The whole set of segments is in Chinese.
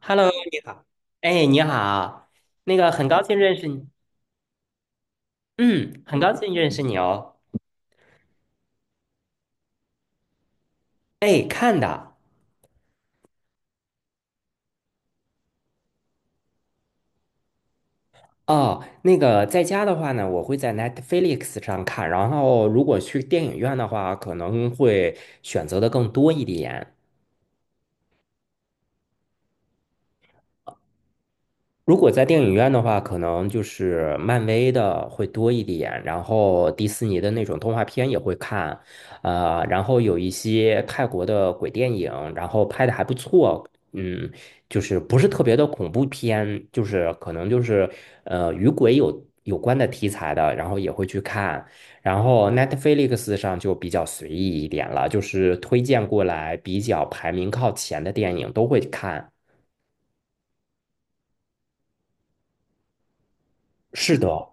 Hello，你好。哎，你好，那个很高兴认识你，嗯，很高兴认识你哦。哎，看的哦，那个在家的话呢，我会在 Netflix 上看，然后如果去电影院的话，可能会选择的更多一点。如果在电影院的话，可能就是漫威的会多一点，然后迪士尼的那种动画片也会看，然后有一些泰国的鬼电影，然后拍的还不错，嗯，就是不是特别的恐怖片，就是可能就是与鬼有关的题材的，然后也会去看，然后 Netflix 上就比较随意一点了，就是推荐过来比较排名靠前的电影都会看。是的。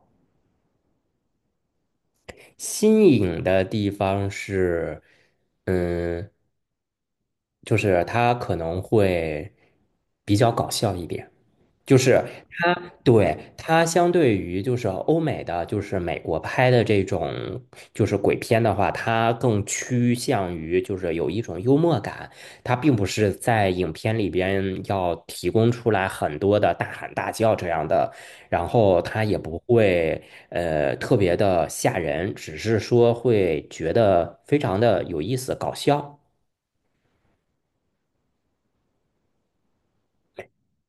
新颖的地方是，嗯，就是它可能会比较搞笑一点。就是它，对，它相对于就是欧美的，就是美国拍的这种就是鬼片的话，它更趋向于就是有一种幽默感，它并不是在影片里边要提供出来很多的大喊大叫这样的，然后它也不会特别的吓人，只是说会觉得非常的有意思、搞笑，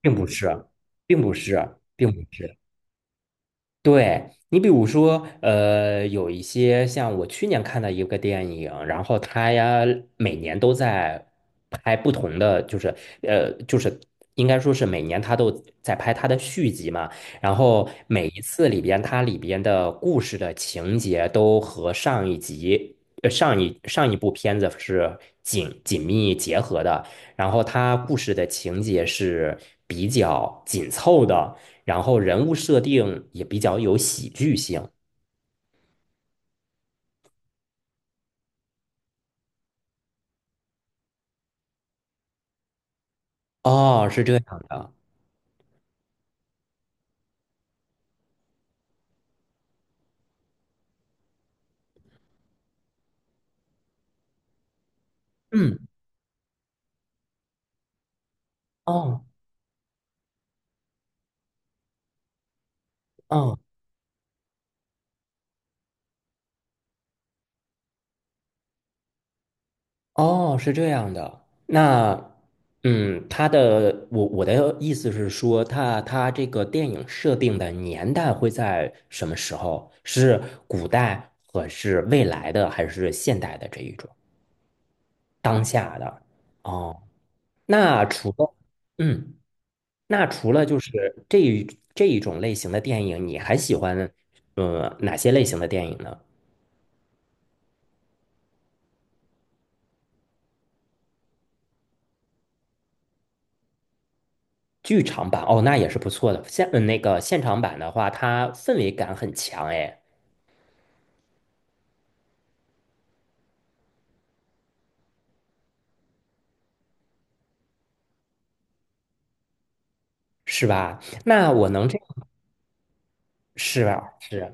并不是，并不是，并不是。对，你比如说，有一些像我去年看的一个电影，然后它呀每年都在拍不同的，就是应该说是每年它都在拍它的续集嘛。然后每一次里边它里边的故事的情节都和上一集、上一部片子是紧紧密结合的，然后它故事的情节是比较紧凑的。然后人物设定也比较有喜剧性。哦，是这样的。嗯，哦，哦，哦，是这样的。那，嗯，他的我的意思是说，他这个电影设定的年代会在什么时候？是古代，还是未来的，还是现代的这一种当下的？哦，那除了嗯。那除了就是这一种类型的电影，你还喜欢哪些类型的电影呢？剧场版哦，那也是不错的。现嗯那个现场版的话，它氛围感很强，哎，是吧？那我能这样是吧？是。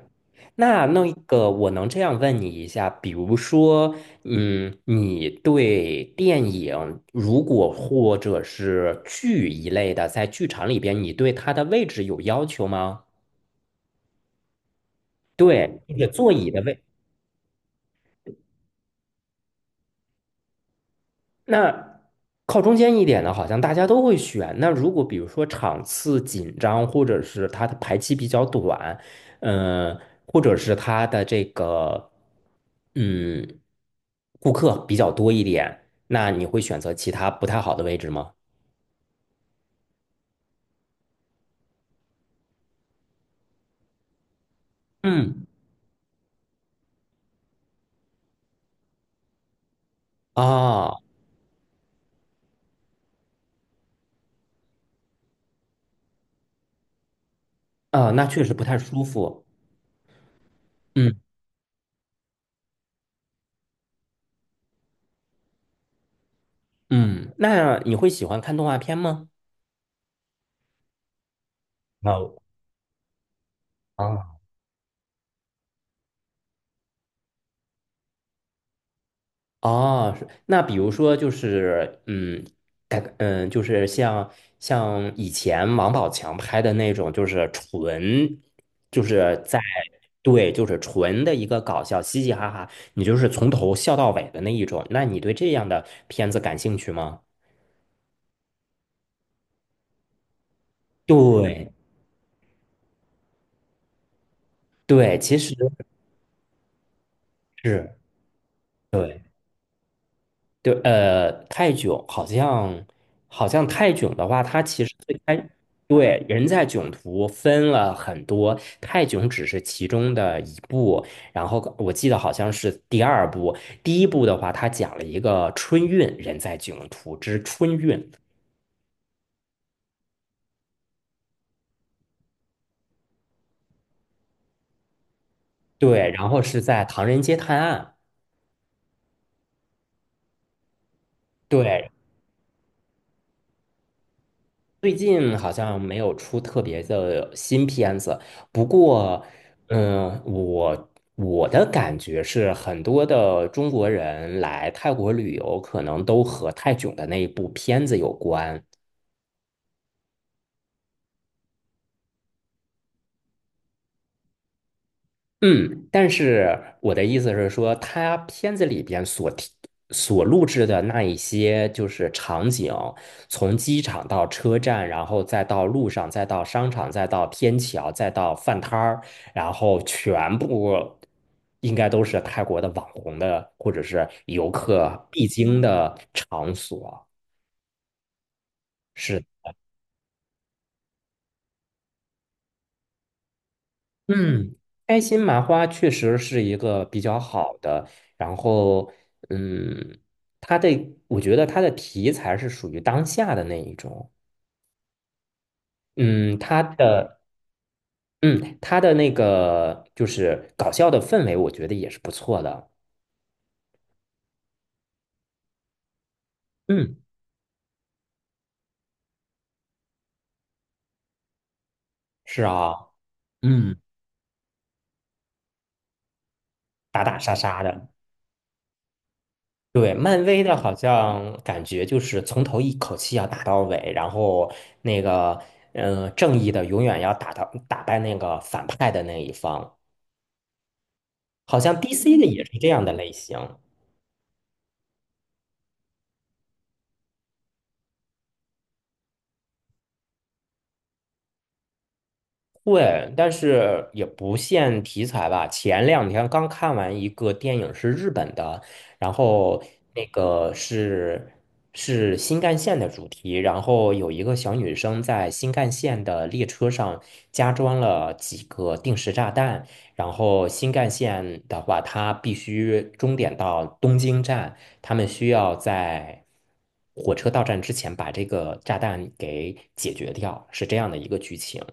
那那个，我能这样问你一下，比如说，嗯，你对电影，如果或者是剧一类的，在剧场里边，你对它的位置有要求吗？对，那个座椅的位。那靠中间一点的，好像大家都会选。那如果比如说场次紧张，或者是它的排期比较短，嗯、或者是它的这个嗯顾客比较多一点，那你会选择其他不太好的位置吗？嗯，啊啊，那确实不太舒服。嗯嗯，那你会喜欢看动画片吗？啊啊哦，是那比如说就是，嗯，改革嗯，就是像以前王宝强拍的那种，就是纯，就是在对，就是纯的一个搞笑，嘻嘻哈哈，你就是从头笑到尾的那一种。那你对这样的片子感兴趣吗？对对，其实是对。对，泰囧好像好像泰囧的话，它其实最开对人在囧途分了很多，泰囧只是其中的一部。然后我记得好像是第二部，第一部的话，它讲了一个春运，人在囧途之春运。对，然后是在唐人街探案。对，最近好像没有出特别的新片子，不过，嗯，我的感觉是，很多的中国人来泰国旅游，可能都和泰囧的那一部片子有关。嗯，但是我的意思是说，他片子里边所提、所录制的那一些就是场景，从机场到车站，然后再到路上，再到商场，再到天桥，再到饭摊儿，然后全部应该都是泰国的网红的或者是游客必经的场所。是。嗯，开心麻花确实是一个比较好的，然后嗯，他的我觉得他的题材是属于当下的那一种，嗯，他的嗯他的那个就是搞笑的氛围，我觉得也是不错的，嗯，是啊，嗯，打打杀杀的，对，漫威的好像感觉就是从头一口气要打到尾，然后那个正义的永远要打到打败那个反派的那一方。好像 DC 的也是这样的类型。对，但是也不限题材吧。前两天刚看完一个电影，是日本的，然后那个是是新干线的主题，然后有一个小女生在新干线的列车上加装了几个定时炸弹，然后新干线的话，它必须终点到东京站，他们需要在火车到站之前把这个炸弹给解决掉，是这样的一个剧情。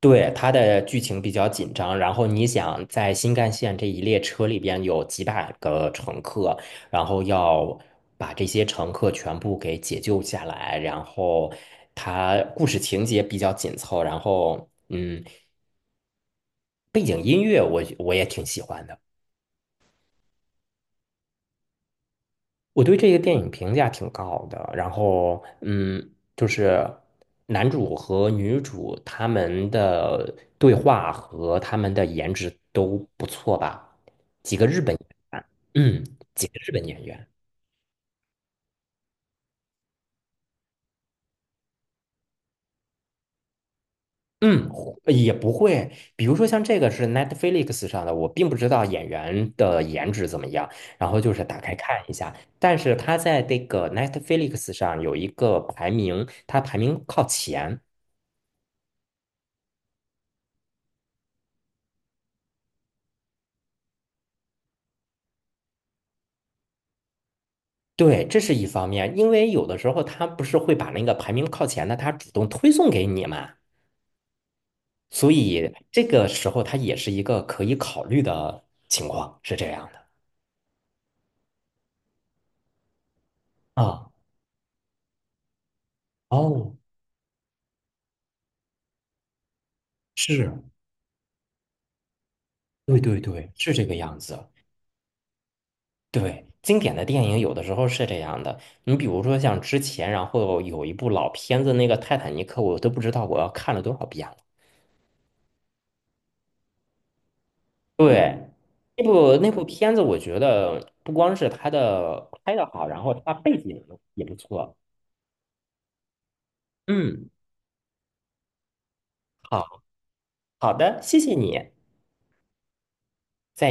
对，它的剧情比较紧张，然后你想在新干线这一列车里边有几百个乘客，然后要把这些乘客全部给解救下来，然后它故事情节比较紧凑，然后嗯，背景音乐我也挺喜欢的。我对这个电影评价挺高的，然后嗯，就是男主和女主他们的对话和他们的颜值都不错吧？几个日本，嗯，几个日本演员，嗯，也不会。比如说像这个是 Netflix 上的，我并不知道演员的颜值怎么样，然后就是打开看一下，但是他在这个 Netflix 上有一个排名，他排名靠前。对，这是一方面，因为有的时候他不是会把那个排名靠前的，他主动推送给你嘛，所以这个时候它也是一个可以考虑的情况，是这样的啊。哦，是，对对对，是这个样子。对，经典的电影有的时候是这样的，你比如说像之前，然后有一部老片子，那个《泰坦尼克》，我都不知道我要看了多少遍。了。对，那部片子，我觉得不光是它的拍的好，然后它背景也不错。嗯，好好的，谢谢你。再